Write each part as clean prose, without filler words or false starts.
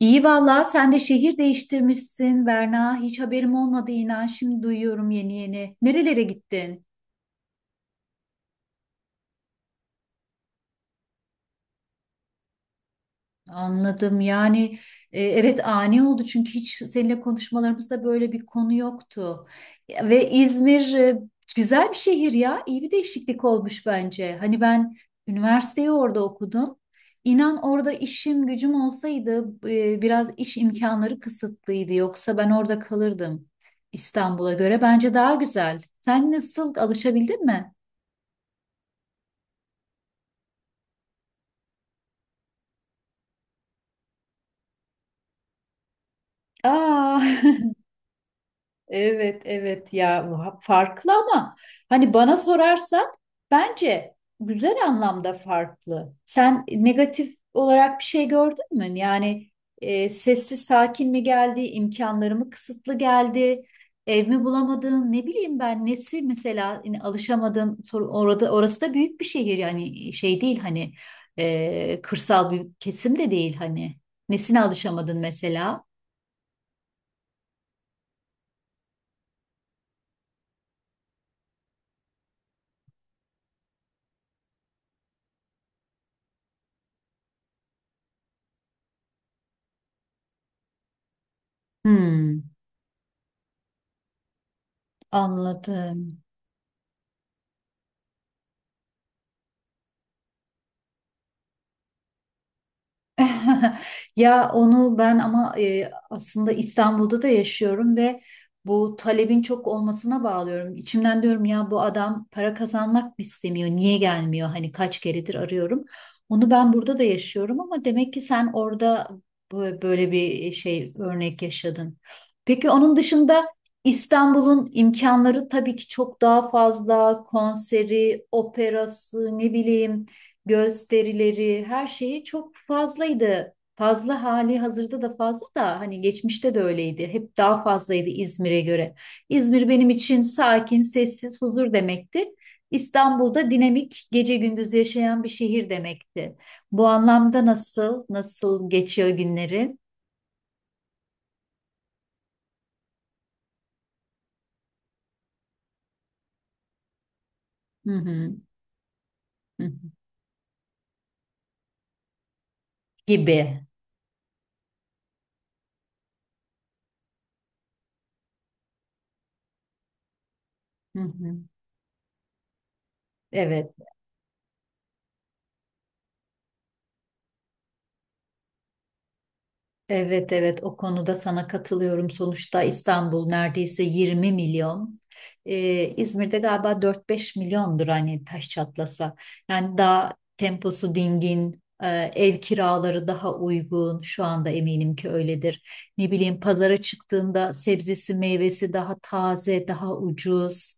İyi vallahi sen de şehir değiştirmişsin Berna. Hiç haberim olmadı inan. Şimdi duyuyorum yeni yeni. Nerelere gittin? Anladım. Yani evet ani oldu çünkü hiç seninle konuşmalarımızda böyle bir konu yoktu. Ve İzmir güzel bir şehir ya. İyi bir değişiklik olmuş bence. Hani ben üniversiteyi orada okudum. İnan orada işim gücüm olsaydı biraz iş imkanları kısıtlıydı. Yoksa ben orada kalırdım. İstanbul'a göre bence daha güzel. Sen nasıl alışabildin mi? Aa. Evet evet ya bu farklı ama hani bana sorarsan bence güzel anlamda farklı. Sen negatif olarak bir şey gördün mü? Yani sessiz sakin mi geldi, imkanları mı kısıtlı geldi, ev mi bulamadın, ne bileyim ben nesi mesela yine alışamadın orada orası da büyük bir şehir yani şey değil hani kırsal bir kesim de değil hani nesine alışamadın mesela? Hmm, anladım. Ya onu ben ama aslında İstanbul'da da yaşıyorum ve bu talebin çok olmasına bağlıyorum. İçimden diyorum ya bu adam para kazanmak mı istemiyor? Niye gelmiyor? Hani kaç keredir arıyorum. Onu ben burada da yaşıyorum ama demek ki sen orada böyle bir şey örnek yaşadın. Peki onun dışında İstanbul'un imkanları tabii ki çok daha fazla konseri, operası, ne bileyim gösterileri, her şeyi çok fazlaydı. Fazla hali hazırda da fazla da hani geçmişte de öyleydi. Hep daha fazlaydı İzmir'e göre. İzmir benim için sakin, sessiz, huzur demektir. İstanbul'da dinamik, gece gündüz yaşayan bir şehir demekti. Bu anlamda nasıl geçiyor günlerin? Hı hı, hı hı. Gibi. Hı hı. Evet. Evet evet o konuda sana katılıyorum. Sonuçta İstanbul neredeyse 20 milyon. İzmir'de galiba 4-5 milyondur hani taş çatlasa. Yani daha temposu dingin, ev kiraları daha uygun. Şu anda eminim ki öyledir. Ne bileyim pazara çıktığında sebzesi meyvesi daha taze, daha ucuz.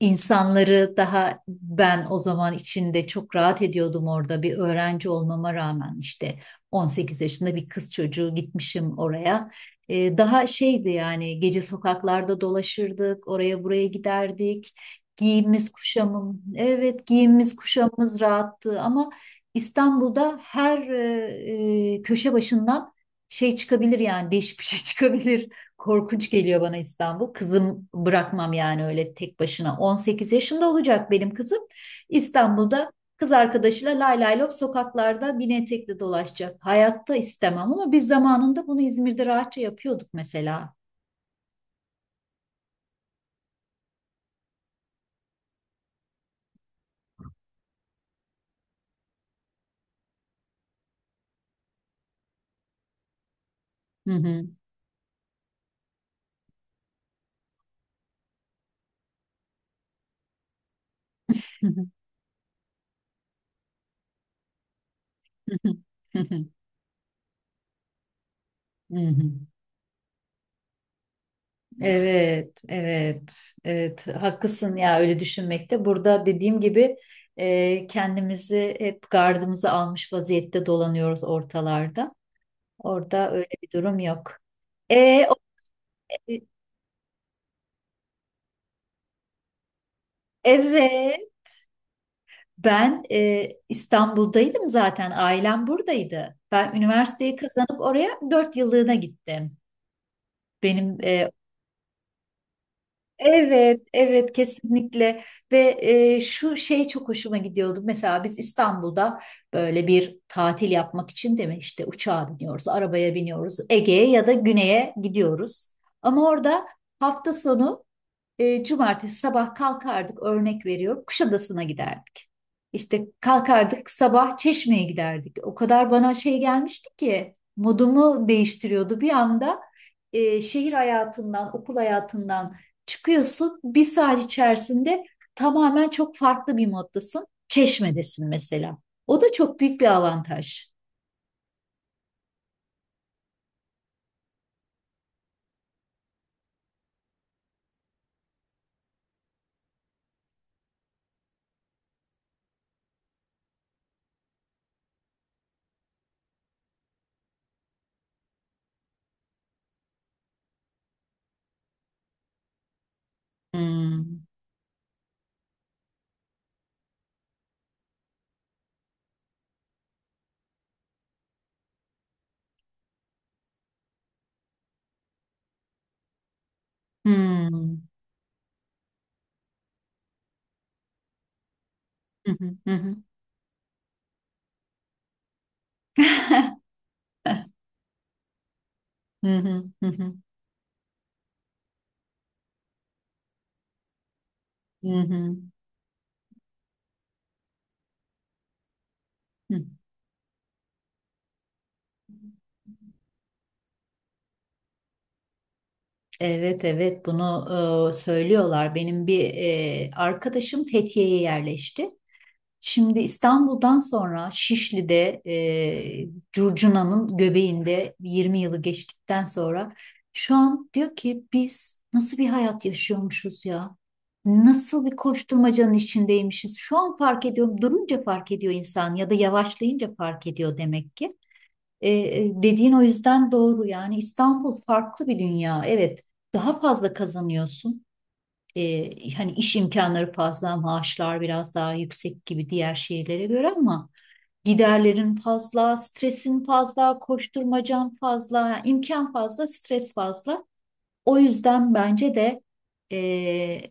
İnsanları daha ben o zaman içinde çok rahat ediyordum orada bir öğrenci olmama rağmen işte 18 yaşında bir kız çocuğu gitmişim oraya. Daha şeydi yani gece sokaklarda dolaşırdık, oraya buraya giderdik. Giyimimiz kuşamım, evet giyimimiz kuşamımız rahattı ama İstanbul'da her köşe başından şey çıkabilir yani değişik bir şey çıkabilir. Korkunç geliyor bana İstanbul. Kızım bırakmam yani öyle tek başına. 18 yaşında olacak benim kızım. İstanbul'da kız arkadaşıyla lay lay lop sokaklarda mini etekli dolaşacak. Hayatta istemem ama biz zamanında bunu İzmir'de rahatça yapıyorduk mesela. Hı hı. Hı hı. Evet, evet, evet. Haklısın ya öyle düşünmekte. Burada dediğim gibi kendimizi hep gardımızı almış vaziyette dolanıyoruz ortalarda. Orada öyle bir durum yok. E, o- evet. Ben İstanbul'daydım zaten, ailem buradaydı. Ben üniversiteyi kazanıp oraya 4 yıllığına gittim. Benim evet, evet kesinlikle ve şu şey çok hoşuma gidiyordu. Mesela biz İstanbul'da böyle bir tatil yapmak için değil mi? İşte uçağa biniyoruz, arabaya biniyoruz, Ege'ye ya da güneye gidiyoruz. Ama orada hafta sonu cumartesi sabah kalkardık örnek veriyorum Kuşadası'na giderdik. İşte kalkardık sabah Çeşme'ye giderdik. O kadar bana şey gelmişti ki modumu değiştiriyordu bir anda. Şehir hayatından, okul hayatından çıkıyorsun. Bir saat içerisinde tamamen çok farklı bir moddasın. Çeşme'desin mesela. O da çok büyük bir avantaj. Hmm. Hmm. Hı hı hı. Hı. Hı hı hı hı. Hı hı. Evet evet bunu söylüyorlar. Benim bir arkadaşım Fethiye'ye yerleşti. Şimdi İstanbul'dan sonra Şişli'de Curcuna'nın göbeğinde 20 yılı geçtikten sonra şu an diyor ki biz nasıl bir hayat yaşıyormuşuz ya? Nasıl bir koşturmacanın içindeymişiz? Şu an fark ediyorum. Durunca fark ediyor insan ya da yavaşlayınca fark ediyor demek ki. Dediğin o yüzden doğru yani İstanbul farklı bir dünya, evet, daha fazla kazanıyorsun. Hani iş imkanları fazla, maaşlar biraz daha yüksek gibi diğer şehirlere göre ama giderlerin fazla, stresin fazla, koşturmacan fazla, yani imkan fazla, stres fazla. O yüzden bence de e,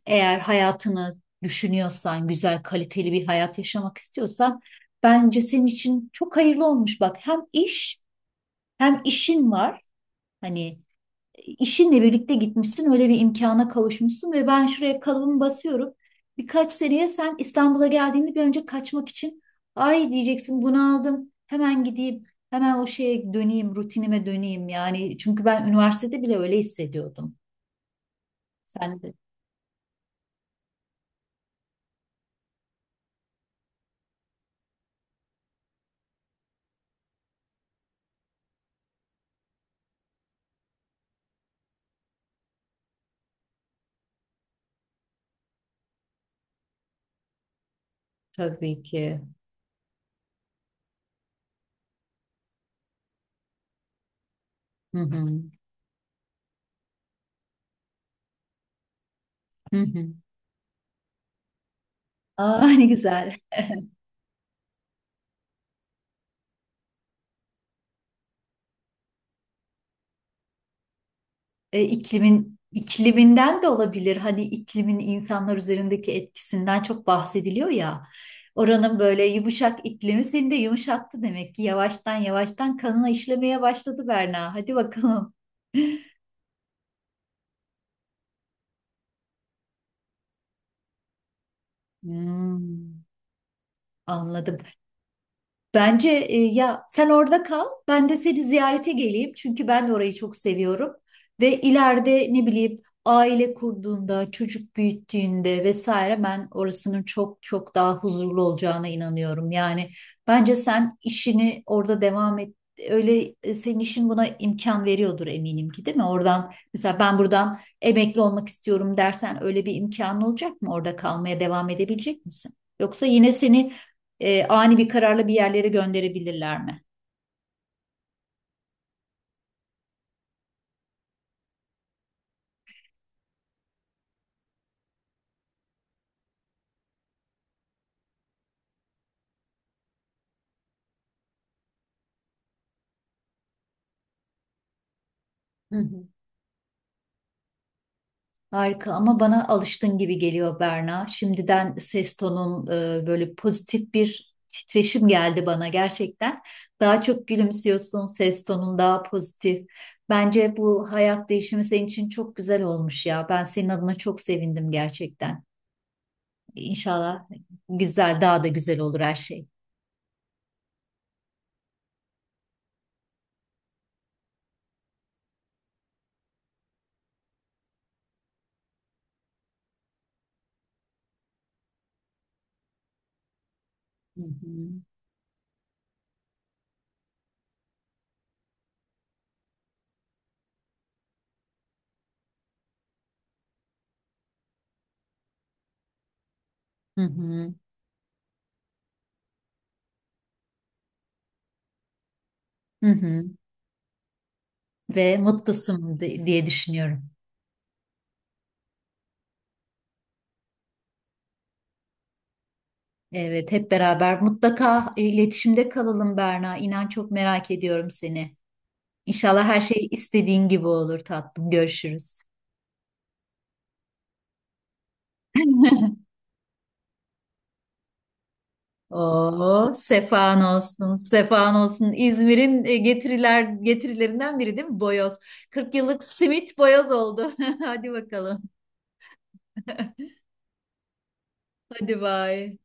eğer hayatını düşünüyorsan, güzel kaliteli bir hayat yaşamak istiyorsan bence senin için çok hayırlı olmuş, bak hem iş hem işin var, hani işinle birlikte gitmişsin, öyle bir imkana kavuşmuşsun ve ben şuraya kalıbımı basıyorum. Birkaç seneye sen İstanbul'a geldiğinde bir önce kaçmak için ay diyeceksin bunaldım hemen gideyim, hemen o şeye döneyim, rutinime döneyim, yani çünkü ben üniversitede bile öyle hissediyordum. Sen de tabii ki. Hı hı. Hı hı. Aa, ne güzel. E, iklimin ikliminden de olabilir. Hani iklimin insanlar üzerindeki etkisinden çok bahsediliyor ya. Oranın böyle yumuşak iklimi seni de yumuşattı demek ki. Yavaştan yavaştan kanına işlemeye başladı Berna. Hadi bakalım. Hmm, anladım. Bence ya sen orada kal, ben de seni ziyarete geleyim. Çünkü ben de orayı çok seviyorum. Ve ileride ne bileyim aile kurduğunda, çocuk büyüttüğünde vesaire ben orasının çok çok daha huzurlu olacağına inanıyorum. Yani bence sen işini orada devam et. Öyle senin işin buna imkan veriyordur eminim ki değil mi? Oradan mesela ben buradan emekli olmak istiyorum dersen öyle bir imkanın olacak mı? Orada kalmaya devam edebilecek misin? Yoksa yine seni ani bir kararla bir yerlere gönderebilirler mi? Hı hı. Harika ama bana alıştın gibi geliyor Berna. Şimdiden ses tonun böyle pozitif bir titreşim geldi bana gerçekten. Daha çok gülümsüyorsun, ses tonun daha pozitif. Bence bu hayat değişimi senin için çok güzel olmuş ya. Ben senin adına çok sevindim gerçekten. İnşallah güzel, daha da güzel olur her şey. Hı hı, hı hı, hı hı. Ve mutlusun, diye düşünüyorum. Evet, hep beraber mutlaka iletişimde kalalım Berna. İnan çok merak ediyorum seni. İnşallah her şey istediğin gibi olur tatlım. Görüşürüz. Oo, sefan olsun, sefan olsun. İzmir'in getirilerinden biri değil mi? Boyoz. 40 yıllık simit boyoz oldu. Hadi bakalım. Hadi bay.